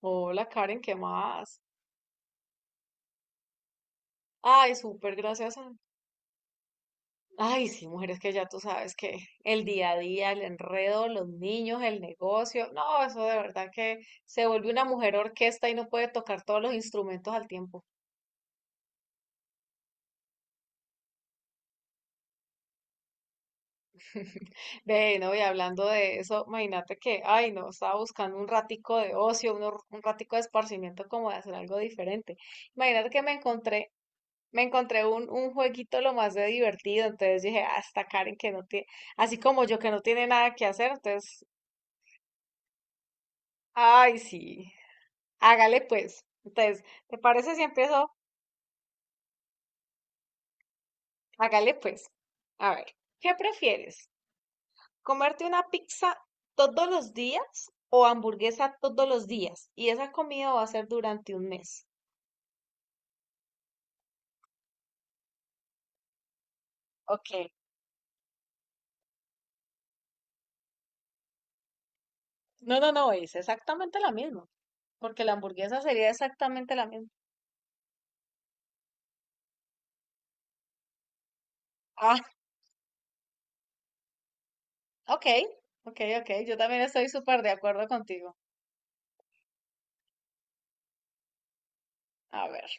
Hola Karen, ¿qué más? Ay, súper, gracias a... Ay, sí, mujeres que ya tú sabes que el día a día, el enredo, los niños, el negocio, no, eso de verdad que se vuelve una mujer orquesta y no puede tocar todos los instrumentos al tiempo. Ve, no, y hablando de eso, imagínate que, ay, no, estaba buscando un ratico de ocio, un ratico de esparcimiento como de hacer algo diferente. Imagínate que me encontré un jueguito lo más de divertido, entonces dije, ah, esta Karen que no tiene, así como yo que no tiene nada que hacer, entonces, ay, sí, hágale pues. Entonces, ¿te parece si empiezo? Hágale pues. A ver, ¿qué prefieres? ¿Comerte una pizza todos los días o hamburguesa todos los días? Y esa comida va a ser durante un mes. Ok. No, es exactamente la misma, porque la hamburguesa sería exactamente la misma. Ok, ok. Yo también estoy súper de acuerdo contigo. A ver,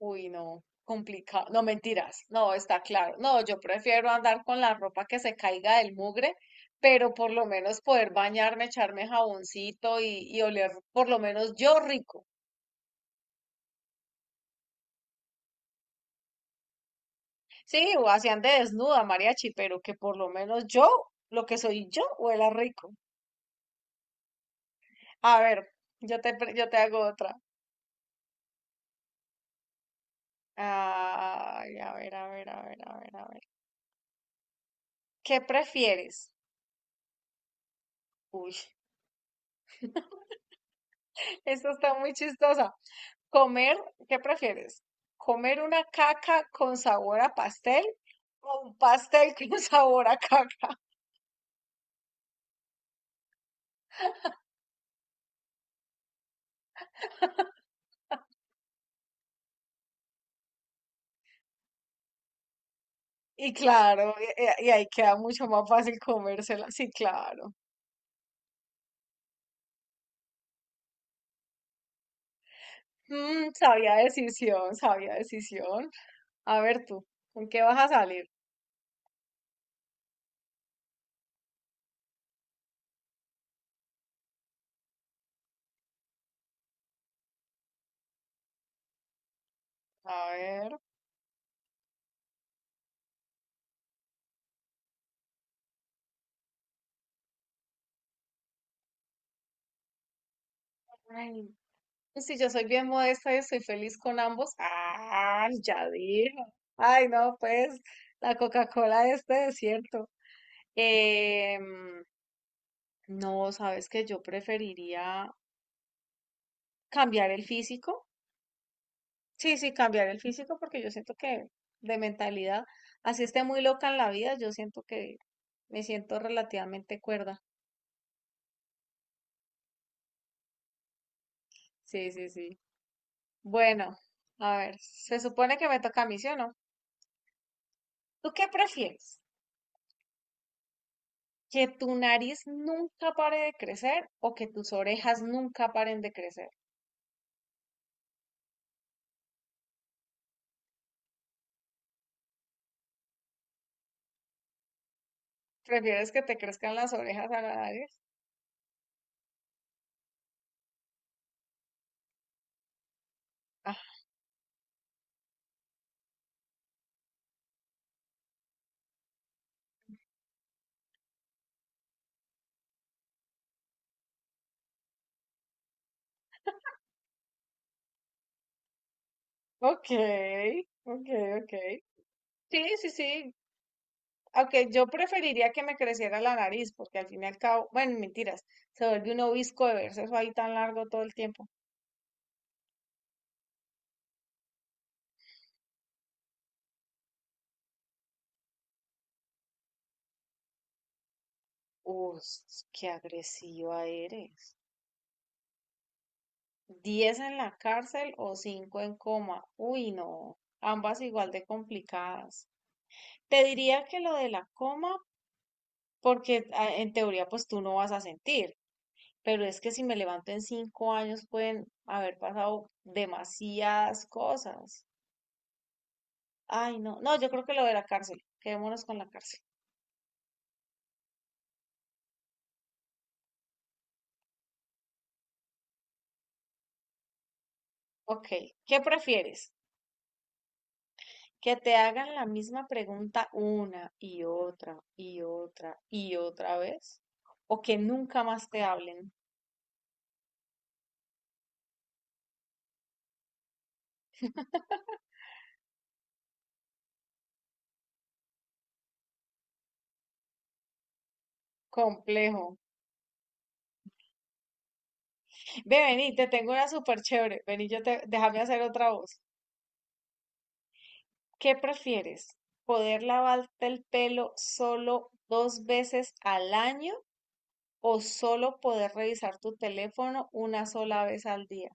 uy, no, complicado. No, mentiras. No, está claro. No, yo prefiero andar con la ropa que se caiga del mugre, pero por lo menos poder bañarme, echarme jaboncito y oler por lo menos yo rico. Sí, o así ande desnuda, mariachi, pero que por lo menos yo, lo que soy yo, huela rico. A ver, yo te hago otra. Ay, a ver, a ver, a ver, a ver, a ver. ¿Qué prefieres? Uy. Esto está muy chistosa. Comer, ¿qué prefieres? ¿Comer una caca con sabor a pastel o un pastel con sabor a caca? Y claro, ahí queda mucho más fácil comérsela. Sí, claro. Mm, sabía decisión, sabía decisión. A ver tú, ¿con qué vas a salir? A ver. Ay, si yo soy bien modesta y estoy feliz con ambos. Ah, ya dijo. Ay, no, pues la Coca-Cola de este desierto. Em, No, sabes que yo preferiría cambiar el físico. Sí, sí, cambiar el físico porque yo siento que de mentalidad, así esté muy loca en la vida, yo siento que me siento relativamente cuerda. Sí, sí, sí. Bueno, a ver, se supone que me toca a mí, ¿sí o no? ¿Tú qué prefieres? ¿Que tu nariz nunca pare de crecer o que tus orejas nunca paren de crecer? ¿Prefieres que te crezcan las orejas a la nariz? Ah, ok, ok, ok. Sí, sí, sí. Aunque yo preferiría que me creciera la nariz, porque al fin y al cabo, bueno, mentiras, se vuelve un obisco de verse eso ahí tan largo todo el tiempo. Uf, qué agresiva eres. ¿Diez en la cárcel o cinco en coma? Uy, no, ambas igual de complicadas. Te diría que lo de la coma, porque ah, en teoría pues tú no vas a sentir, pero es que si me levanto en cinco años pueden haber pasado demasiadas cosas. Ay, no, no, yo creo que lo de la cárcel. Quedémonos con la cárcel. Ok, ¿qué prefieres? ¿Que te hagan la misma pregunta una y otra y otra y otra vez? ¿O que nunca más te hablen? Complejo. Ve, vení, te tengo una súper chévere. Vení, déjame hacer otra voz. ¿Qué prefieres? ¿Poder lavarte el pelo solo dos veces al año o solo poder revisar tu teléfono una sola vez al día?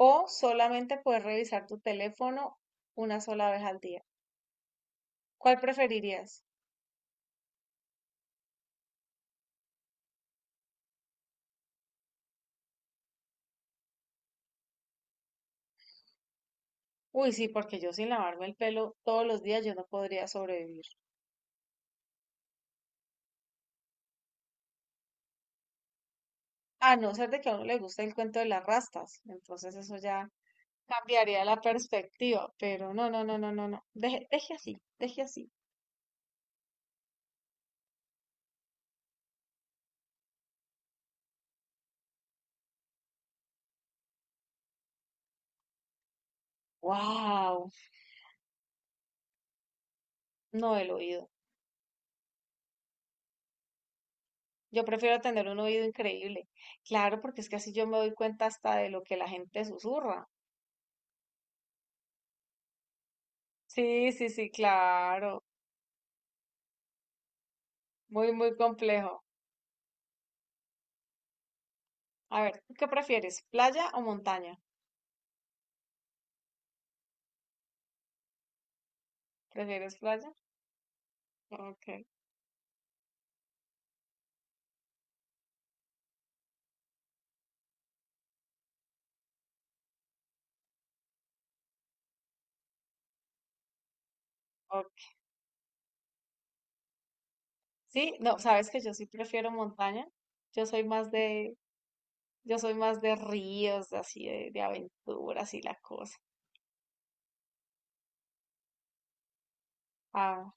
O solamente poder revisar tu teléfono una sola vez al día. ¿Cuál preferirías? Uy, sí, porque yo sin lavarme el pelo todos los días yo no podría sobrevivir. A no ser de que a uno le guste el cuento de las rastas, entonces eso ya cambiaría la perspectiva, pero no. Deje, deje así, deje así. Wow, no el oído. Yo prefiero tener un oído increíble. Claro, porque es que así yo me doy cuenta hasta de lo que la gente susurra. Sí, sí, sí, claro. Muy, muy complejo. A ver, ¿tú qué prefieres? ¿Playa o montaña? ¿Prefieres playa? Ok, ok. Sí, no, sabes que yo sí prefiero montaña. Yo soy más de, yo soy más de ríos, de así de aventuras y la cosa. Ah,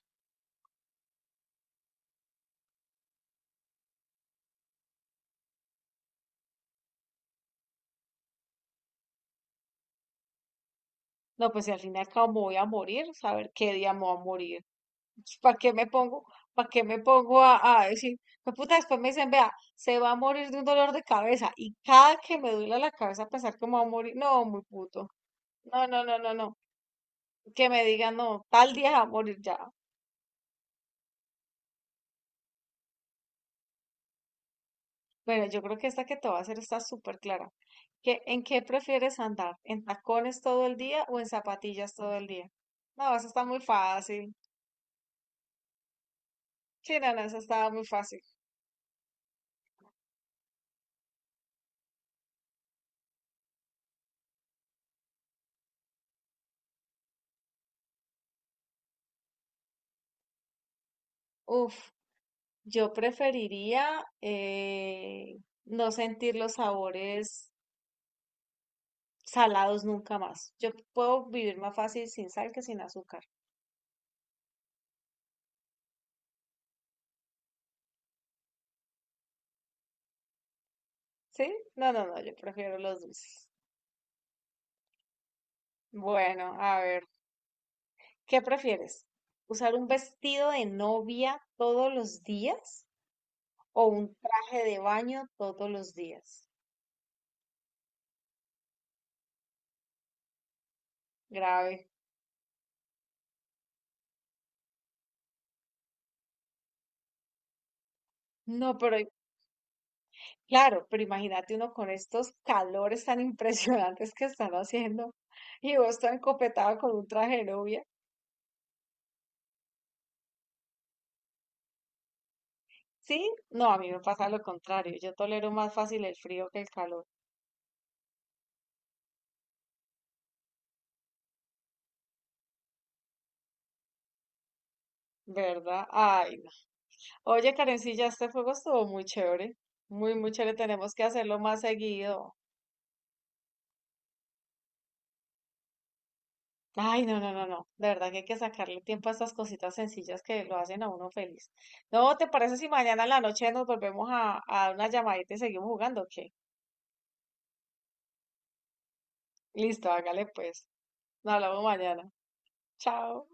no, pues si al final cabo me voy a morir, saber qué día me voy a morir. ¿Para qué me pongo? ¿Para qué me pongo a decir? "Pues puta, después me dicen, vea, se va a morir de un dolor de cabeza". Y cada que me duela la cabeza pensar que me va a morir, no, muy puto. No. que me digan, no, tal día va a morir ya. Bueno, yo creo que esta que te voy a hacer está súper clara. ¿Qué- en qué prefieres andar? ¿En tacones todo el día o en zapatillas todo el día? No, eso está muy fácil. Sí, no, no, eso está muy fácil. Uf, yo preferiría no sentir los sabores salados nunca más. Yo puedo vivir más fácil sin sal que sin azúcar. ¿Sí? No, yo prefiero los dulces. Bueno, a ver. ¿Qué prefieres? ¿Usar un vestido de novia todos los días o un traje de baño todos los días? Grave. No, pero claro, pero imagínate uno con estos calores tan impresionantes que están haciendo y vos tan encopetado con un traje de novia. ¿Sí? No, a mí me pasa lo contrario. Yo tolero más fácil el frío que el calor, ¿verdad? Ay, no. Oye, Karencilla, este juego estuvo muy chévere. Muy, muy chévere. Tenemos que hacerlo más seguido. Ay, no. De verdad que hay que sacarle tiempo a estas cositas sencillas que lo hacen a uno feliz. No, ¿te parece si mañana en la noche nos volvemos a dar una llamadita y seguimos jugando? ¿O ¿qué? Listo, hágale pues. Nos hablamos mañana. Chao.